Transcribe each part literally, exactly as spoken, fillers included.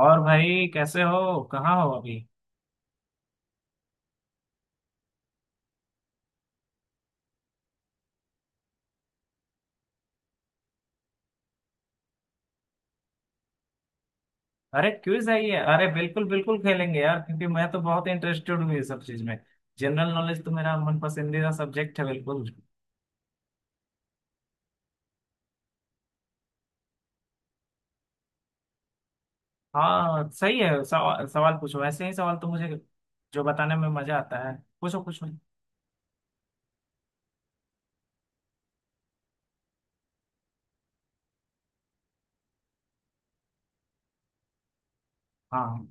और भाई कैसे हो। कहाँ हो अभी। अरे क्विज है ये। अरे बिल्कुल बिल्कुल खेलेंगे यार, क्योंकि मैं तो बहुत इंटरेस्टेड हूँ ये सब चीज में। जनरल नॉलेज तो मेरा मन पसंदीदा सब्जेक्ट है बिल्कुल। हाँ सही है, सवा, सवाल पूछो। ऐसे ही सवाल तो मुझे जो बताने में मजा आता है। पूछो पूछो। हाँ।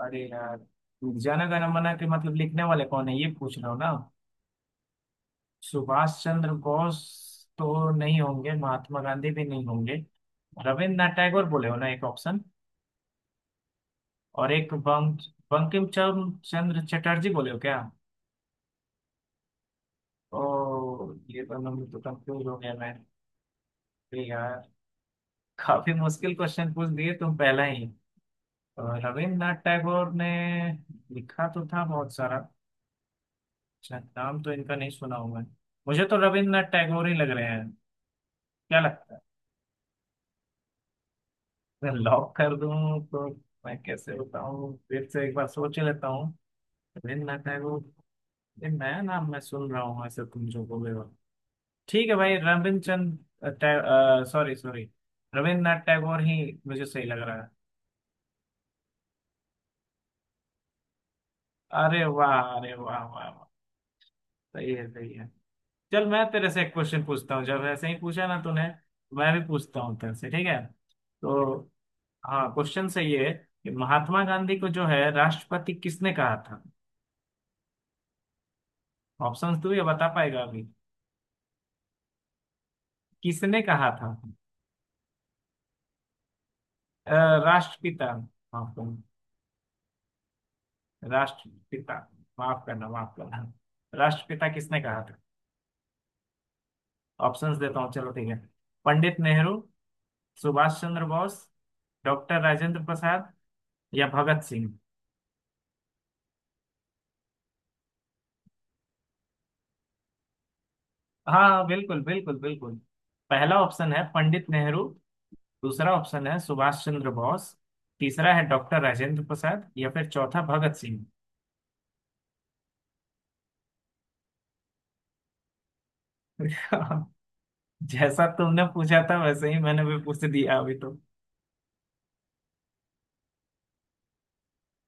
अरे यार, जाना गाना मना के मतलब लिखने वाले कौन है ये पूछ रहा हूँ ना। सुभाष चंद्र बोस तो नहीं होंगे, महात्मा गांधी भी नहीं होंगे। रविन्द्रनाथ टैगोर बोले हो ना एक ऑप्शन। और एक बंक, बंकिम चंद- चंद्र चटर्जी बोले हो क्या। ओ ये दोनों में तो कंफ्यूज हो गया मैं। अरे यार, काफी मुश्किल क्वेश्चन पूछ दिए तुम पहला ही। और रविन्द्रनाथ टैगोर ने लिखा तो था बहुत सारा। अच्छा, नाम तो इनका नहीं सुना हूं मैं। मुझे तो रविन्द्रनाथ टैगोर ही लग रहे हैं। क्या लगता है, लॉक कर दूं तो। मैं कैसे बताऊं, फिर से एक बार सोच लेता हूँ। रविन्द्रनाथ टैगोर, ये नया नाम मैं सुन रहा हूँ ऐसे तुम जो बोले हो। ठीक है भाई, रविंद्रचंद टै- अ, सॉरी सॉरी, रविन्द्रनाथ टैगोर ही मुझे सही लग रहा है। अरे वाह, अरे वाह वाह वाह, सही है सही है। चल मैं तेरे से एक क्वेश्चन पूछता हूँ। जब ऐसे ही पूछा ना तूने, मैं भी पूछता हूँ तेरे से, ठीक है। तो हाँ, क्वेश्चन सही है कि महात्मा गांधी को जो है राष्ट्रपति किसने कहा था। ऑप्शन तू ये बता पाएगा अभी। किसने कहा था। अ, राष्ट्रपिता, माफ करना, राष्ट्रपिता, माफ करना माफ करना। राष्ट्रपिता किसने कहा था। ऑप्शंस देता हूँ, चलो ठीक है। पंडित नेहरू, सुभाष चंद्र बोस, डॉक्टर राजेंद्र प्रसाद, या भगत सिंह। हाँ बिल्कुल बिल्कुल बिल्कुल। पहला ऑप्शन है पंडित नेहरू, दूसरा ऑप्शन है सुभाष चंद्र बोस, तीसरा है डॉक्टर राजेंद्र प्रसाद, या फिर चौथा भगत सिंह। जैसा तुमने पूछा था वैसे ही मैंने भी पूछ दिया अभी तो।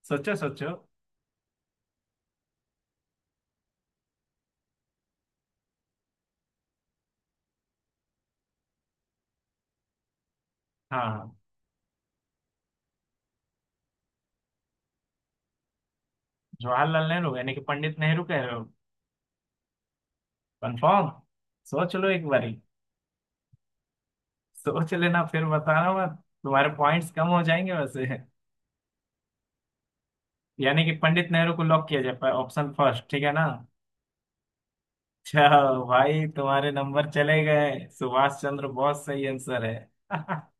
सोचो सोचो। हाँ, जवाहरलाल नेहरू यानी कि पंडित नेहरू कह रहे हो। कंफर्म। सोच लो एक बारी। सोच लेना फिर बताना मत, तुम्हारे पॉइंट्स कम हो जाएंगे वैसे। यानी कि पंडित नेहरू को लॉक किया जाए, ऑप्शन फर्स्ट, ठीक है ना। अच्छा, भाई तुम्हारे नंबर चले गए, सुभाष चंद्र बोस सही आंसर है।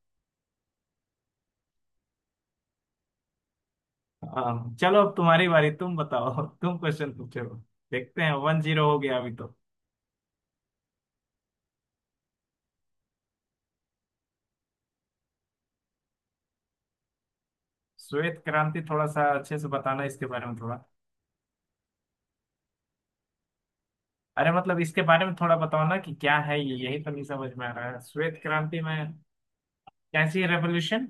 हाँ, चलो अब तुम्हारी बारी, तुम बताओ। तुम क्वेश्चन पूछो, देखते हैं। वन जीरो हो गया अभी तो। श्वेत क्रांति थोड़ा सा अच्छे से बताना इसके बारे में थोड़ा। अरे मतलब इसके बारे में थोड़ा बताओ ना कि क्या है ये, यही तो नहीं समझ में आ रहा है, श्वेत क्रांति में। कैसी रेवोल्यूशन।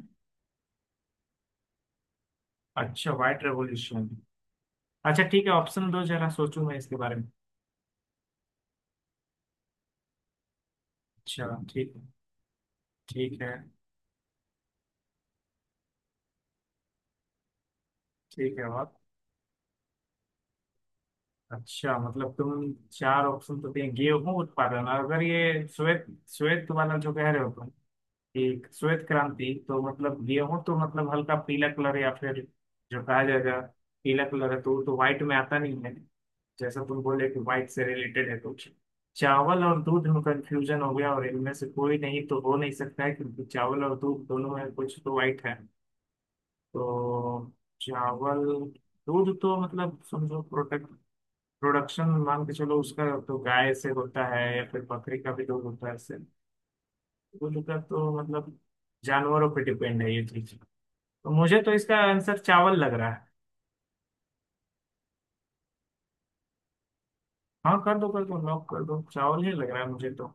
अच्छा व्हाइट रेवोल्यूशन। अच्छा ठीक है, ऑप्शन दो, जरा सोचूं मैं इसके बारे में। अच्छा ठीक है। ठीक है। ठीक है और। अच्छा मतलब तुम चार ऑप्शन तो दें गेहूं उत्पादन, और अगर ये श्वेत, श्वेत वाला जो कह रहे हो तुम, ठीक श्वेत क्रांति, तो मतलब गेहूं तो मतलब हल्का पीला कलर, या फिर जो कहा जाएगा पीला कलर है, तो वो तो व्हाइट में आता नहीं है। जैसा तुम बोले कि व्हाइट से रिलेटेड है कुछ। चावल और दूध में कंफ्यूजन हो गया, और इनमें से कोई नहीं तो हो नहीं सकता है क्योंकि चावल और दूध दोनों में कुछ तो व्हाइट है। तो चावल, दूध, तो मतलब समझो प्रोडक्ट, प्रोडक्शन मान के चलो, उसका तो गाय से होता है या फिर बकरी का भी दूध होता है, इससे दूध का तो मतलब जानवरों पे डिपेंड है ये चीज। तो मुझे तो इसका आंसर चावल लग रहा है। हाँ कर दो कर दो लॉक कर दो, चावल ही लग रहा है मुझे तो।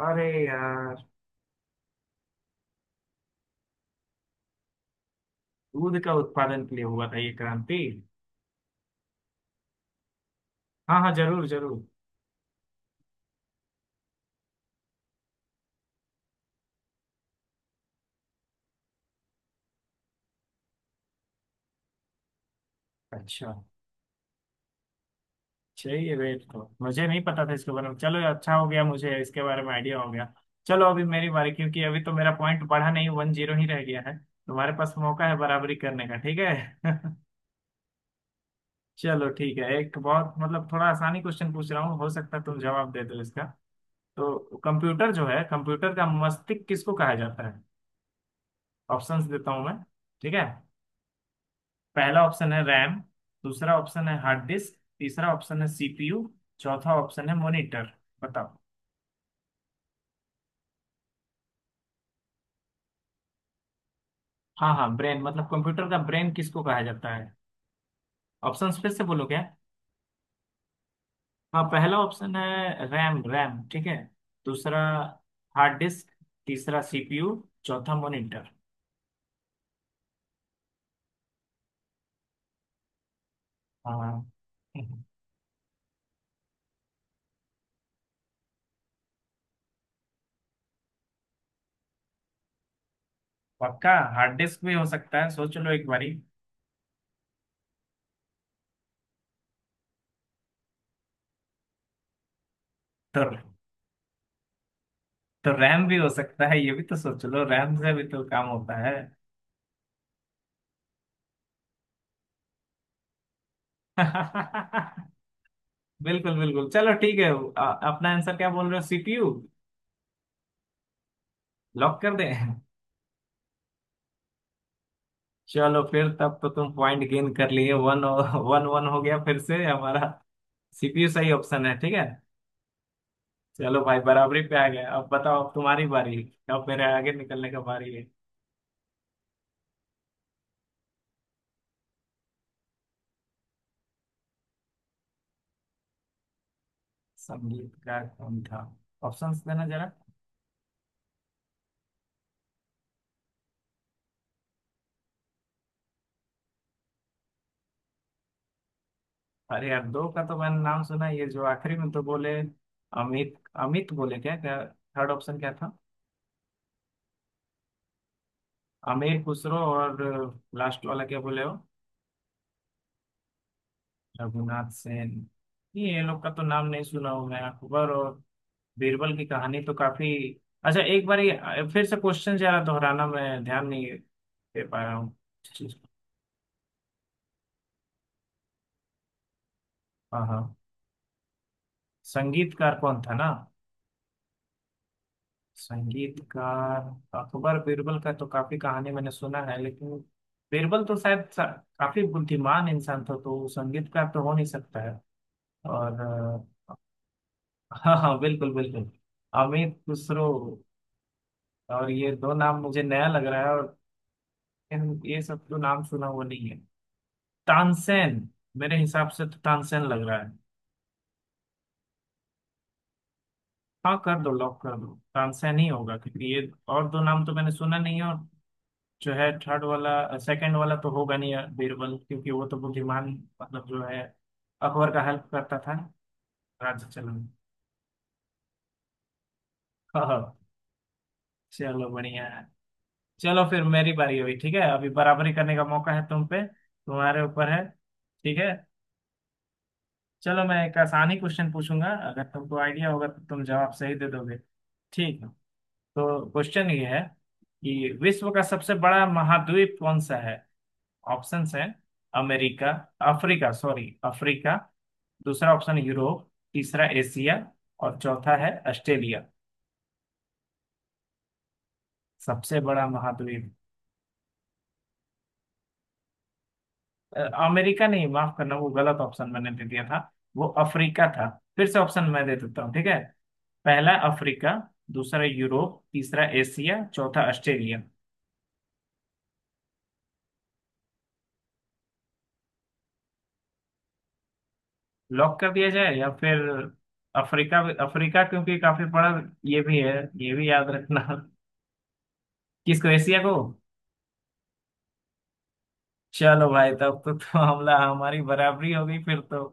अरे यार। दूध का उत्पादन के लिए हुआ था ये क्रांति। हाँ हाँ जरूर जरूर। अच्छा। चाहिए वेट, तो मुझे नहीं पता था इसके बारे में, चलो अच्छा हो गया, मुझे इसके बारे में आइडिया हो गया। चलो अभी मेरी बारी, क्योंकि अभी तो मेरा पॉइंट बढ़ा नहीं, वन जीरो ही रह गया है। तुम्हारे पास मौका है बराबरी करने का, ठीक है। चलो ठीक है, एक बहुत मतलब थोड़ा आसानी क्वेश्चन पूछ रहा हूँ, हो सकता है तुम जवाब दे दो इसका। तो कंप्यूटर जो है, कंप्यूटर का मस्तिष्क किसको कहा जाता है। ऑप्शंस देता हूँ मैं। ठीक है। पहला ऑप्शन है रैम, दूसरा ऑप्शन है हार्ड डिस्क, तीसरा ऑप्शन है सी पी यू, चौथा ऑप्शन है मॉनिटर। बताओ। हाँ हाँ, ब्रेन मतलब कंप्यूटर का ब्रेन किसको कहा जाता है। ऑप्शंस फिर से बोलो क्या। हाँ पहला ऑप्शन है रैम, रैम, ठीक है। दूसरा हार्ड डिस्क, तीसरा सी पी यू, चौथा मॉनिटर। हाँ हाँ, हाँ, हाँ। पक्का। हार्ड डिस्क भी हो सकता है, सोच लो एक बारी। तो। तो रैम भी हो सकता है, ये भी तो सोच लो, रैम से भी तो काम होता है। बिल्कुल बिल्कुल, चलो ठीक है। आ, अपना आंसर क्या बोल रहे हो, सी पी यू, लॉक कर दें। चलो फिर तब तो तुम पॉइंट गेन कर लिए, वन वन वन हो गया फिर से हमारा। सी पी यू सही ऑप्शन है, ठीक है। चलो भाई बराबरी पे आ गया, अब बताओ, अब तुम्हारी बारी। अब मेरे आगे निकलने का बारी है। संगीतकार कौन था। ऑप्शंस देना जरा। अरे यार दो का तो मैंने नाम सुना, ये जो आखिरी में तो बोले, अमित, अमित बोले क्या क्या, थर्ड ऑप्शन क्या था। आमिर खुसरो, और लास्ट वाला क्या बोले हो। रघुनाथ सेन। ये ये लोग का तो नाम नहीं सुना हूं मैं। अकबर और बीरबल की कहानी तो काफी। अच्छा एक बार ये फिर से क्वेश्चन जरा दोहराना, मैं ध्यान नहीं दे पा रहा हूँ इस चीज़ को। हाँ हाँ। संगीतकार कौन था ना। संगीतकार। अकबर बीरबल का तो काफी कहानी मैंने सुना है, लेकिन बीरबल तो शायद सा-, काफी बुद्धिमान इंसान था, तो वो संगीतकार तो हो नहीं सकता है। और अ, हाँ हाँ बिल्कुल बिल्कुल। अमित खुसरो और ये दो नाम मुझे नया लग रहा है, और इन- ये सब तो नाम सुना हुआ नहीं है। तानसेन, मेरे हिसाब से तो तानसेन लग रहा है। हाँ कर दो, लॉक कर दो। तानसेन ही होगा, क्योंकि ये और दो नाम तो मैंने सुना नहीं है, और जो है थर्ड वाला, सेकंड वाला तो होगा नहीं यार बीरबल, क्योंकि वो तो बुद्धिमान मतलब जो है, अकबर का हेल्प करता था राज्य चलाने में। हाँ। चलो बढ़िया है। चलो फिर मेरी बारी हुई, ठीक है, अभी बराबरी करने का मौका है तुम पे, तुम्हारे ऊपर है। ठीक है। चलो मैं एक आसानी क्वेश्चन पूछूंगा, अगर तुमको आइडिया होगा तो तुम जवाब सही दे दोगे, ठीक है। तो क्वेश्चन ये है कि विश्व का सबसे बड़ा महाद्वीप कौन सा है। ऑप्शंस हैं अमेरिका, अफ्रीका, सॉरी, अफ्रीका, दूसरा ऑप्शन यूरोप, तीसरा एशिया, और चौथा है ऑस्ट्रेलिया। सबसे बड़ा महाद्वीप। अ, अमेरिका नहीं, माफ करना, वो गलत ऑप्शन मैंने दे दिया था, वो अफ्रीका था। फिर से ऑप्शन मैं दे देता हूँ, ठीक है। पहला अफ्रीका, दूसरा यूरोप, तीसरा एशिया, चौथा ऑस्ट्रेलिया। लॉक कर दिया जाए, या फिर अफ्रीका। अफ्रीका क्योंकि काफी बड़ा ये भी है, ये भी याद रखना। किसको, एशिया को। चलो भाई तब तो, तो, हमला हमारी बराबरी हो गई फिर तो।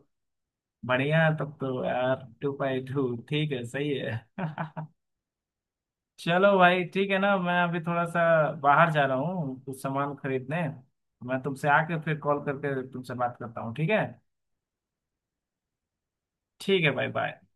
बढ़िया, तब तो यार टू बाई टू, ठीक है, सही है। चलो भाई ठीक है ना, मैं अभी थोड़ा सा बाहर जा रहा हूँ कुछ सामान खरीदने, मैं तुमसे आके फिर कॉल करके तुमसे बात करता हूँ, ठीक है। ठीक है भाई, बाय।